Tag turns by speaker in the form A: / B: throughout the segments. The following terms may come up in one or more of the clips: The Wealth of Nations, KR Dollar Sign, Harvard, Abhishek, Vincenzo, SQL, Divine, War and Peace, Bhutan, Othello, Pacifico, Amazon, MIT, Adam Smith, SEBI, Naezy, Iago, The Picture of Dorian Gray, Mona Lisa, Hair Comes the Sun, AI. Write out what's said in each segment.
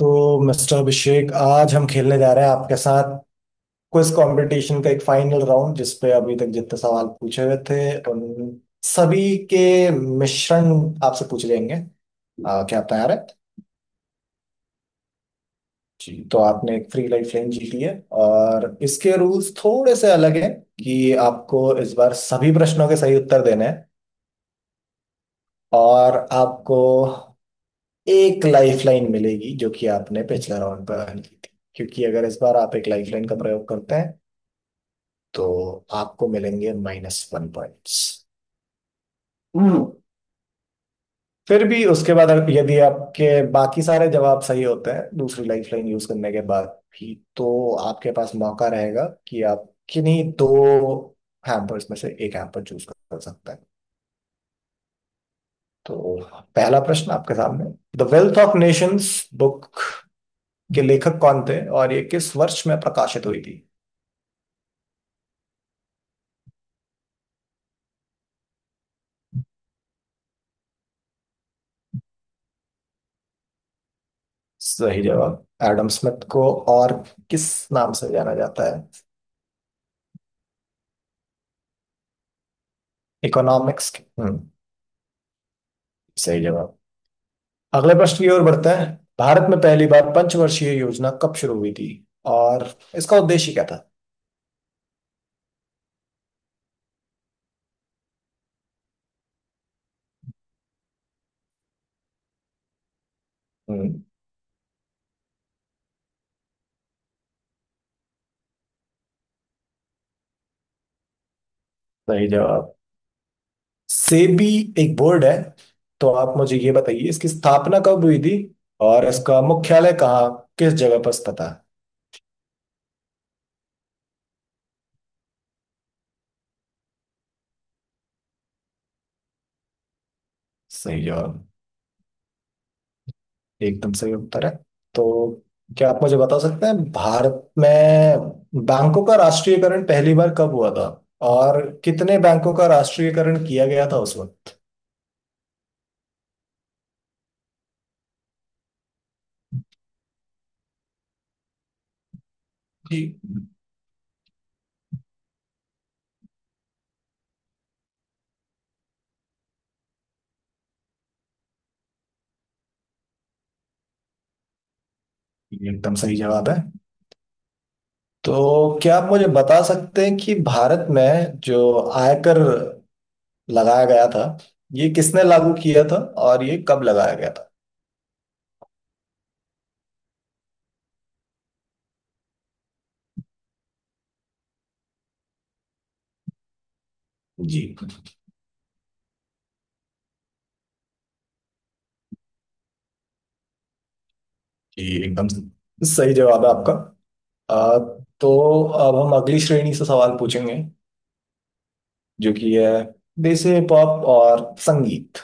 A: तो मिस्टर अभिषेक, आज हम खेलने जा रहे हैं आपके साथ क्विज कंपटीशन का एक फाइनल राउंड, जिसपे अभी तक जितने सवाल पूछे हुए थे उन सभी के मिश्रण आपसे पूछ लेंगे। क्या आप तैयार है? जी, तो आपने एक फ्री लाइफ लाइन जीत ली है और इसके रूल्स थोड़े से अलग हैं कि आपको इस बार सभी प्रश्नों के सही उत्तर देने हैं। और आपको एक लाइफ लाइन मिलेगी जो कि आपने पिछले राउंड पर अर्न की थी, क्योंकि अगर इस बार आप एक लाइफ लाइन का प्रयोग करते हैं तो आपको मिलेंगे -1 पॉइंट्स। फिर भी उसके बाद यदि आपके बाकी सारे जवाब सही होते हैं दूसरी लाइफ लाइन यूज करने के बाद भी, तो आपके पास मौका रहेगा कि आप किन्हीं दो हैम्पर्स में से एक हैम्पर चूज कर सकते हैं। तो पहला प्रश्न आपके सामने, the Wealth of Nations book के लेखक कौन थे और ये किस वर्ष में प्रकाशित हुई थी? सही जवाब। एडम स्मिथ को और किस नाम से जाना जाता है? इकोनॉमिक्स के सही जवाब। अगला प्रश्न की ओर बढ़ते हैं। भारत में पहली बार पंचवर्षीय योजना कब शुरू हुई थी और इसका उद्देश्य क्या था? हम्म। सही जवाब। सेबी एक बोर्ड है, तो आप मुझे ये बताइए इसकी स्थापना कब हुई थी और इसका मुख्यालय कहाँ, किस जगह पर स्थित है? सही जवाब। एकदम सही उत्तर है। तो क्या आप मुझे बता सकते हैं भारत में बैंकों का राष्ट्रीयकरण पहली बार कब हुआ था और कितने बैंकों का राष्ट्रीयकरण किया गया था उस वक्त? जी। ये एकदम सही जवाब है। तो क्या आप मुझे बता सकते हैं कि भारत में जो आयकर लगाया गया था, ये किसने लागू किया था और ये कब लगाया गया था? जी। ये एकदम सही जवाब है आपका। अ, तो अब हम अगली श्रेणी से सवाल पूछेंगे, जो कि है देसी हिप हॉप और संगीत।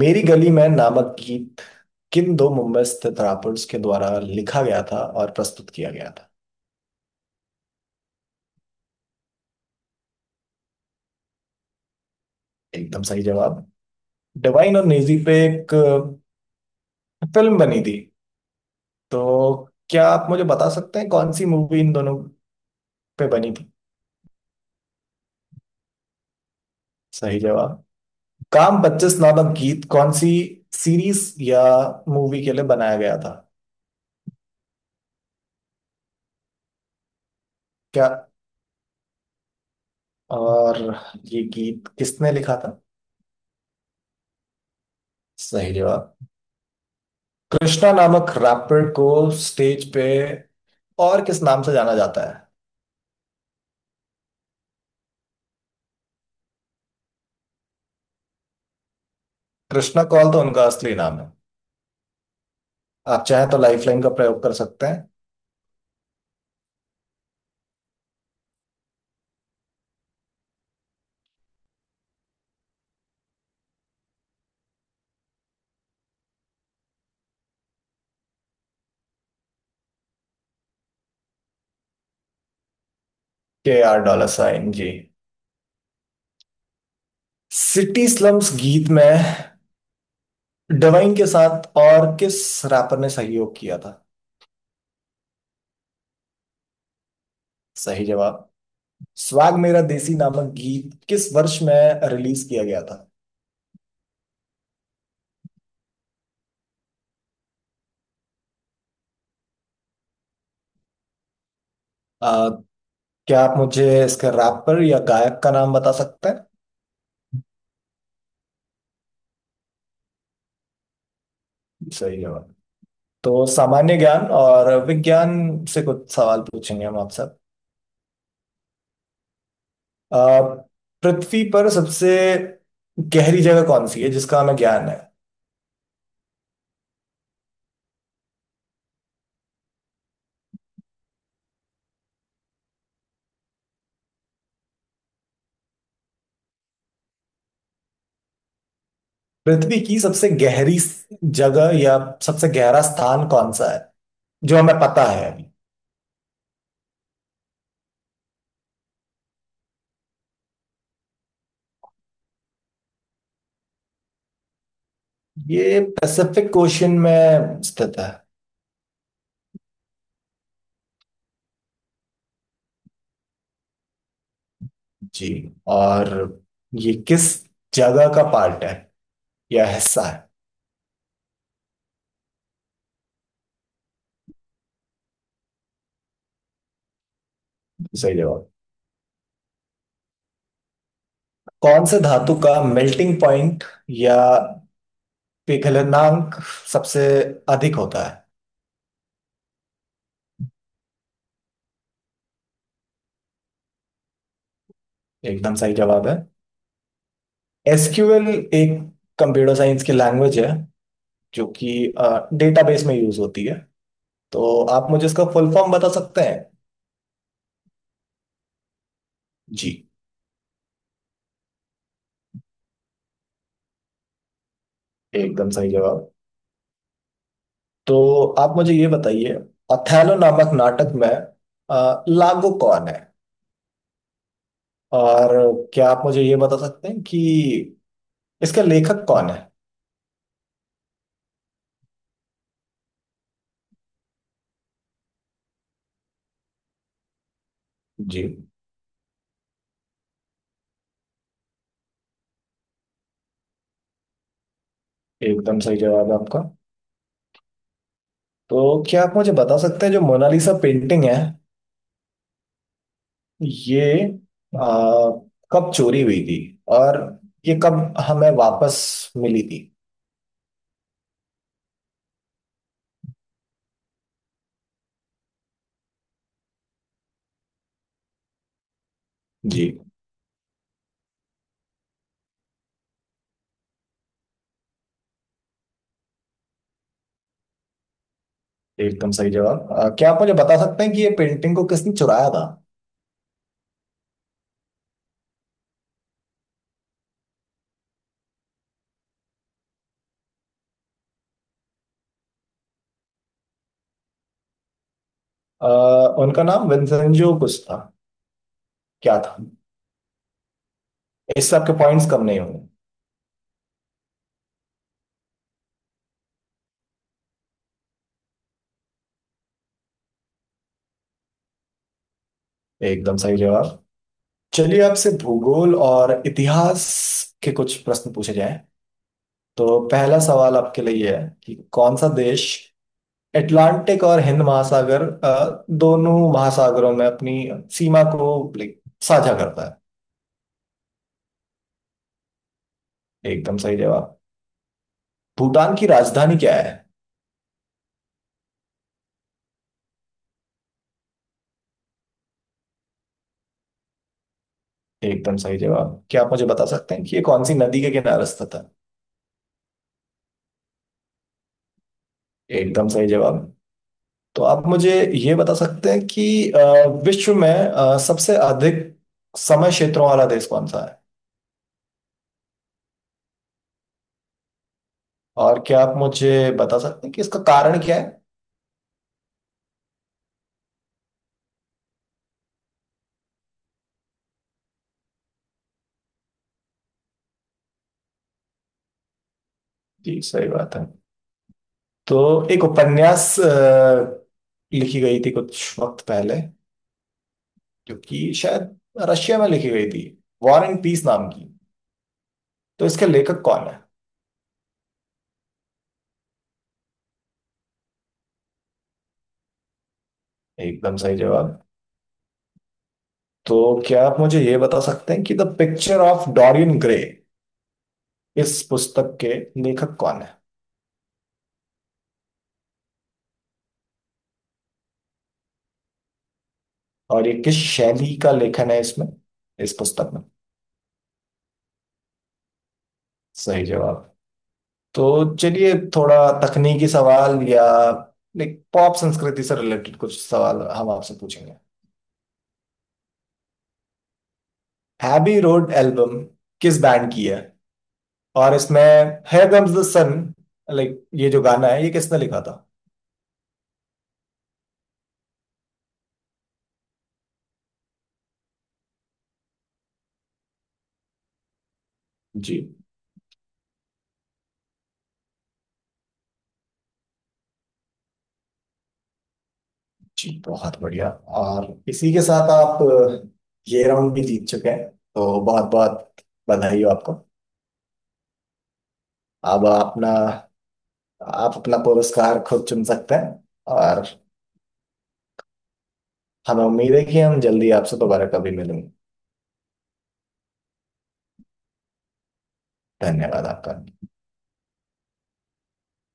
A: मेरी गली में नामक गीत किन दो मुंबई स्थित रैपर्स के द्वारा लिखा गया था और प्रस्तुत किया गया था? एकदम सही जवाब। डिवाइन और नेजी पे एक फिल्म बनी थी, तो क्या आप मुझे बता सकते हैं कौन सी मूवी इन दोनों पे बनी थी? सही जवाब। काम 25 नामक गीत कौन सी सीरीज या मूवी के लिए बनाया गया था? क्या, और ये गीत किसने लिखा था? सही जवाब। कृष्णा नामक रैपर को स्टेज पे और किस नाम से जाना जाता है? कृष्णा कौल तो उनका असली नाम है, आप चाहें तो लाइफलाइन का प्रयोग कर सकते हैं। KR$, जी। सिटी स्लम्स गीत में डिवाइन के साथ और किस रैपर ने सहयोग किया था? सही जवाब। स्वैग मेरा देसी नामक गीत किस वर्ष में रिलीज किया गया था? आ, क्या आप मुझे इसके रैपर या गायक का नाम बता सकते हैं? सही जवाब। तो सामान्य ज्ञान और विज्ञान से कुछ सवाल पूछेंगे हम आपसे। आ, पृथ्वी पर सबसे गहरी जगह कौन सी है जिसका हमें ज्ञान है? पृथ्वी की सबसे गहरी जगह या सबसे गहरा स्थान कौन सा है जो हमें पता है? ये पैसिफिक ओशन में स्थित है। जी, और ये किस जगह का पार्ट है या हिस्सा है? सही जवाब। कौन से धातु का मेल्टिंग पॉइंट या पिघलनांक सबसे अधिक होता है? एकदम सही जवाब है। SQL एक कंप्यूटर साइंस की लैंग्वेज है जो कि डेटाबेस में यूज होती है, तो आप मुझे इसका फुल फॉर्म बता सकते हैं? जी। एकदम सही जवाब। तो आप मुझे ये बताइए, अथैलो नामक नाटक में लागो कौन है और क्या आप मुझे ये बता सकते हैं कि इसका लेखक कौन है? जी, एकदम सही जवाब है आपका। तो क्या आप मुझे बता सकते हैं जो मोनालिसा पेंटिंग है ये कब चोरी हुई थी और ये कब हमें वापस मिली थी? जी, एकदम सही जवाब। क्या आप मुझे बता सकते हैं कि ये पेंटिंग को किसने चुराया था? अ, उनका नाम विंसेंजो कुछ था, क्या था? इससे आपके पॉइंट्स कम नहीं होंगे। एकदम सही जवाब। चलिए आपसे भूगोल और इतिहास के कुछ प्रश्न पूछे जाएं। तो पहला सवाल आपके लिए ये है कि कौन सा देश अटलांटिक और हिंद महासागर दोनों महासागरों में अपनी सीमा को like, साझा करता है? एकदम सही जवाब। भूटान की राजधानी क्या है? एकदम सही जवाब। क्या आप मुझे बता सकते हैं कि ये कौन सी नदी के किनारे स्थित है? एकदम सही जवाब। तो आप मुझे ये बता सकते हैं कि विश्व में सबसे अधिक समय क्षेत्रों वाला देश कौन सा है? और क्या आप मुझे बता सकते हैं कि इसका कारण क्या है? जी, सही बात है। तो एक उपन्यास लिखी गई थी कुछ वक्त पहले, जो कि शायद रशिया में लिखी गई थी, वॉर एंड पीस नाम की। तो इसके लेखक कौन है? एकदम सही जवाब। तो क्या आप मुझे ये बता सकते हैं कि the Picture of Dorian Gray, इस पुस्तक के लेखक कौन है और ये किस शैली का लेखन है इसमें, इस पुस्तक में? सही जवाब। तो चलिए थोड़ा तकनीकी सवाल या लाइक पॉप संस्कृति से रिलेटेड कुछ सवाल हम आपसे पूछेंगे। हैबी रोड एल्बम किस बैंड की है और इसमें Here Comes the Sun, like ये जो गाना है, ये किसने लिखा था? जी, जी, बहुत बढ़िया। और इसी के साथ आप ये राउंड भी जीत चुके हैं, तो बहुत बहुत बधाई हो आपको। अब अपना आप अपना पुरस्कार खुद चुन सकते हैं और हमें उम्मीद है कि हम जल्दी आपसे दोबारा कभी मिलेंगे। धन्यवाद आपका।